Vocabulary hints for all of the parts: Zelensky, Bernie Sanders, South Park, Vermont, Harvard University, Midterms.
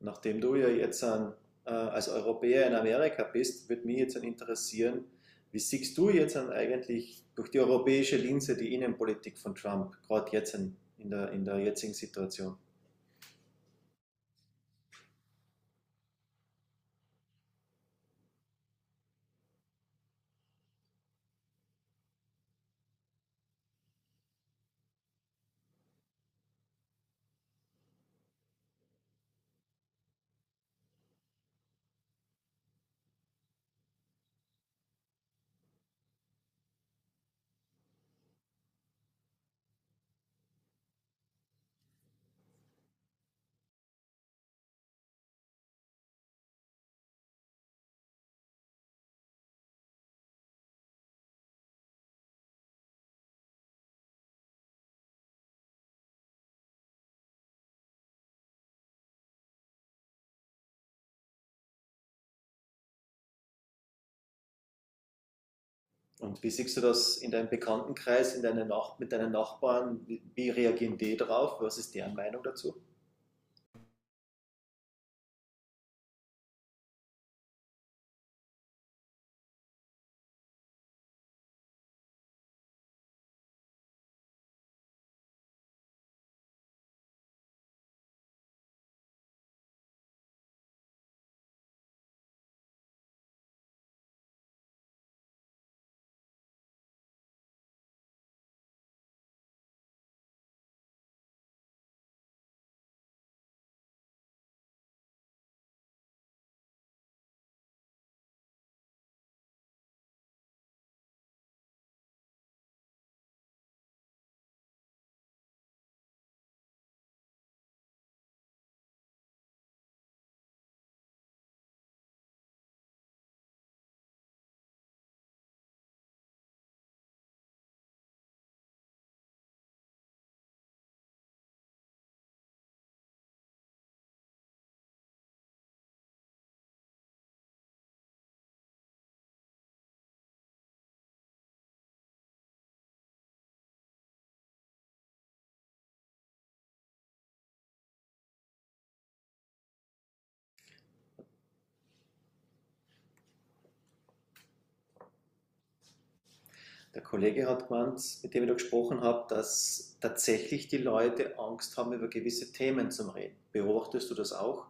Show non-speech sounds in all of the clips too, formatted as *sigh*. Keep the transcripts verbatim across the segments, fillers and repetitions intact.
Nachdem du ja jetzt an, äh, als Europäer in Amerika bist, würde mich jetzt an interessieren, wie siehst du jetzt an eigentlich durch die europäische Linse die Innenpolitik von Trump, gerade jetzt in, in, der, in der jetzigen Situation? Und wie siehst du das in deinem Bekanntenkreis, in deine Nach mit deinen Nachbarn? Wie, wie reagieren die drauf? Was ist deren Meinung dazu? Der Kollege hat gemeint, mit dem ich da gesprochen habe, dass tatsächlich die Leute Angst haben, über gewisse Themen zu reden. Beobachtest du das auch?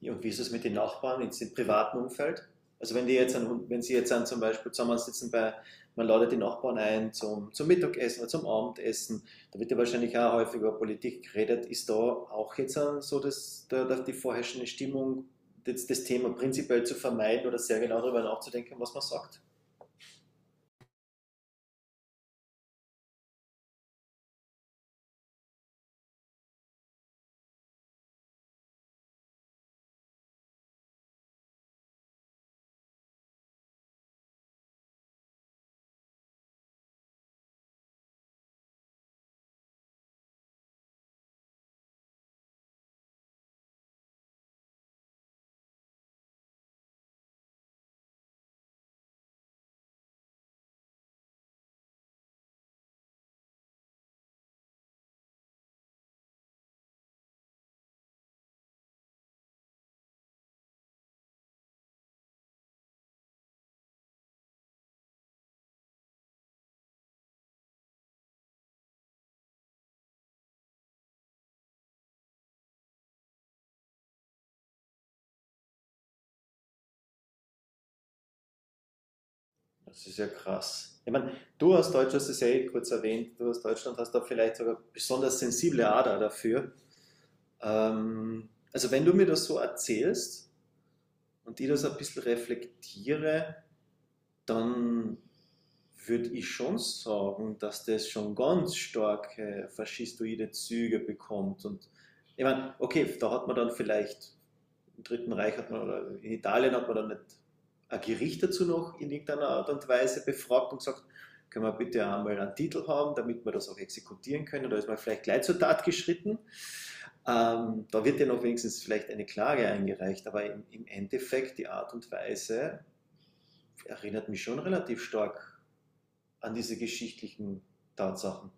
Ja, und wie ist es mit den Nachbarn jetzt im privaten Umfeld? Also wenn die jetzt an, wenn Sie jetzt an zum Beispiel zusammensitzen bei, man ladet die Nachbarn ein zum, zum Mittagessen oder zum Abendessen, da wird ja wahrscheinlich auch häufig über Politik geredet, ist da auch jetzt an so das, da, da die vorherrschende Stimmung, das, das Thema prinzipiell zu vermeiden oder sehr genau darüber nachzudenken, was man sagt? Das ist ja krass. Ich meine, du aus Deutschland, das ist ja eh kurz erwähnt, du aus Deutschland hast da vielleicht sogar besonders sensible Ader dafür. Ähm, also wenn du mir das so erzählst, und ich das ein bisschen reflektiere, dann würde ich schon sagen, dass das schon ganz starke faschistoide Züge bekommt. Und ich meine, okay, da hat man dann vielleicht im Dritten Reich hat man, oder in Italien hat man dann nicht ein Gericht dazu noch in irgendeiner Art und Weise befragt und gesagt, können wir bitte einmal einen Titel haben, damit wir das auch exekutieren können. Da ist man vielleicht gleich zur Tat geschritten. Ähm, da wird ja noch wenigstens vielleicht eine Klage eingereicht, aber im, im Endeffekt die Art und Weise erinnert mich schon relativ stark an diese geschichtlichen Tatsachen.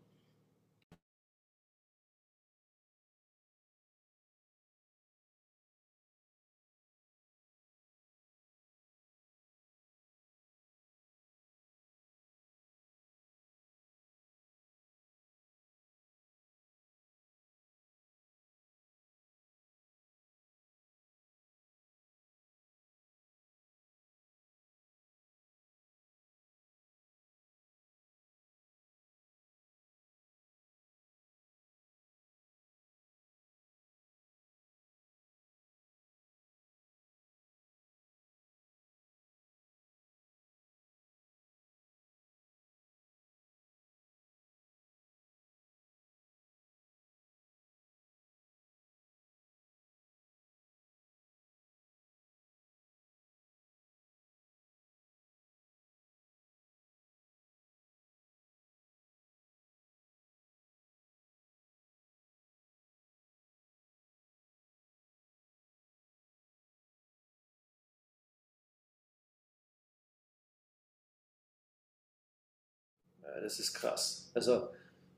Ja, das ist krass. Also,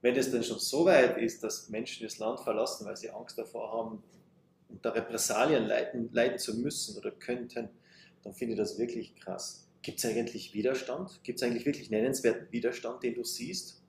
wenn es dann schon so weit ist, dass Menschen das Land verlassen, weil sie Angst davor haben, unter Repressalien leiden, leiden zu müssen oder könnten, dann finde ich das wirklich krass. Gibt es eigentlich Widerstand? Gibt es eigentlich wirklich nennenswerten Widerstand, den du siehst?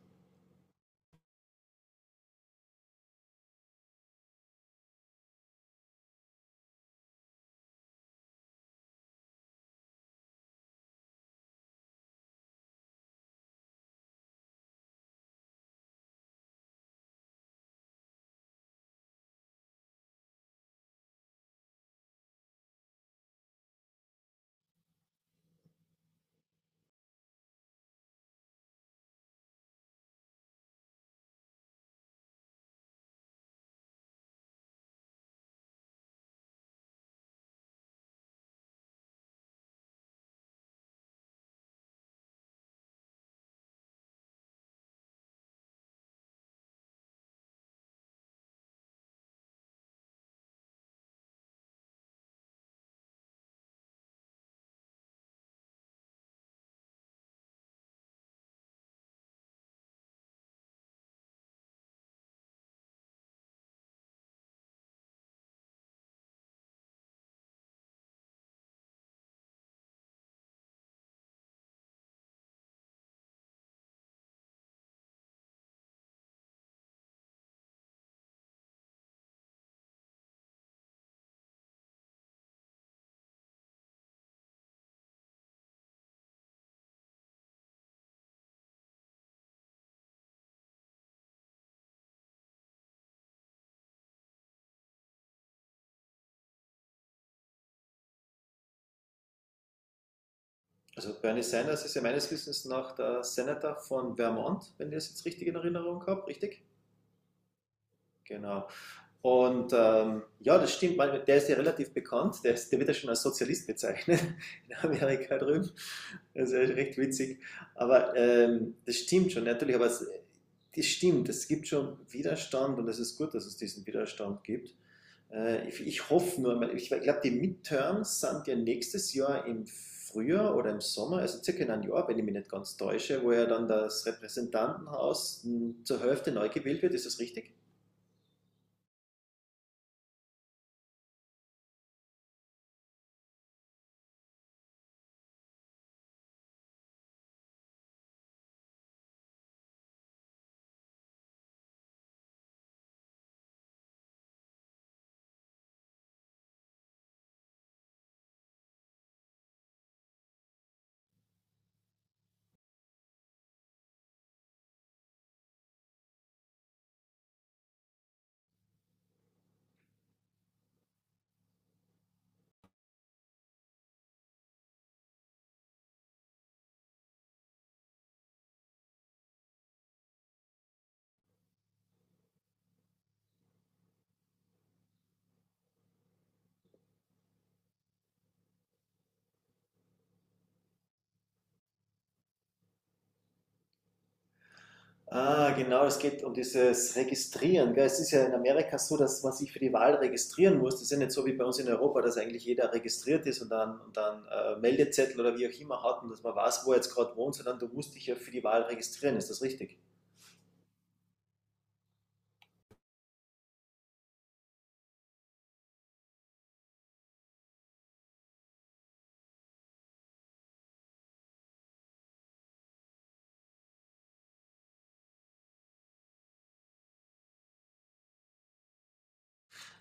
Also Bernie Sanders ist ja meines Wissens nach der Senator von Vermont, wenn ich das jetzt richtig in Erinnerung habe, richtig? Genau. Und ähm, ja, das stimmt, man, der ist ja relativ bekannt, der, ist, der wird ja schon als Sozialist bezeichnet *laughs* in Amerika drüben. Das ist ja recht witzig. Aber ähm, das stimmt schon, natürlich, aber es, das stimmt, es gibt schon Widerstand und es ist gut, dass es diesen Widerstand gibt. Äh, ich, ich hoffe nur, ich ich glaube, die Midterms sind ja nächstes Jahr im Frühjahr oder im Sommer, also circa in einem Jahr, wenn ich mich nicht ganz täusche, wo ja dann das Repräsentantenhaus hm, zur Hälfte neu gewählt wird. Ist das richtig? Ah, genau, es geht um dieses Registrieren. Gell? Es ist ja in Amerika so, dass man sich für die Wahl registrieren muss. Das ist ja nicht so wie bei uns in Europa, dass eigentlich jeder registriert ist und dann, und dann äh, Meldezettel oder wie auch immer hat und dass man weiß, wo er jetzt gerade wohnt, sondern du musst dich ja für die Wahl registrieren. Ist das richtig?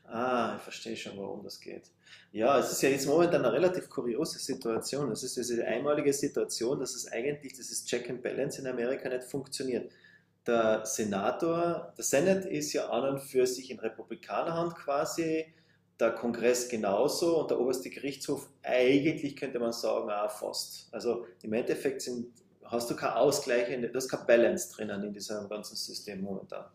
Ah, ich verstehe schon, warum das geht. Ja, es ist ja jetzt momentan eine relativ kuriose Situation. Es ist diese einmalige Situation, dass es eigentlich dieses Check and Balance in Amerika nicht funktioniert. Der Senator, der Senate ist ja an und für sich in Republikanerhand quasi, der Kongress genauso und der oberste Gerichtshof eigentlich könnte man sagen, auch fast. Also im Endeffekt sind, hast du keinen Ausgleich, du hast kein Balance drinnen in diesem ganzen System momentan.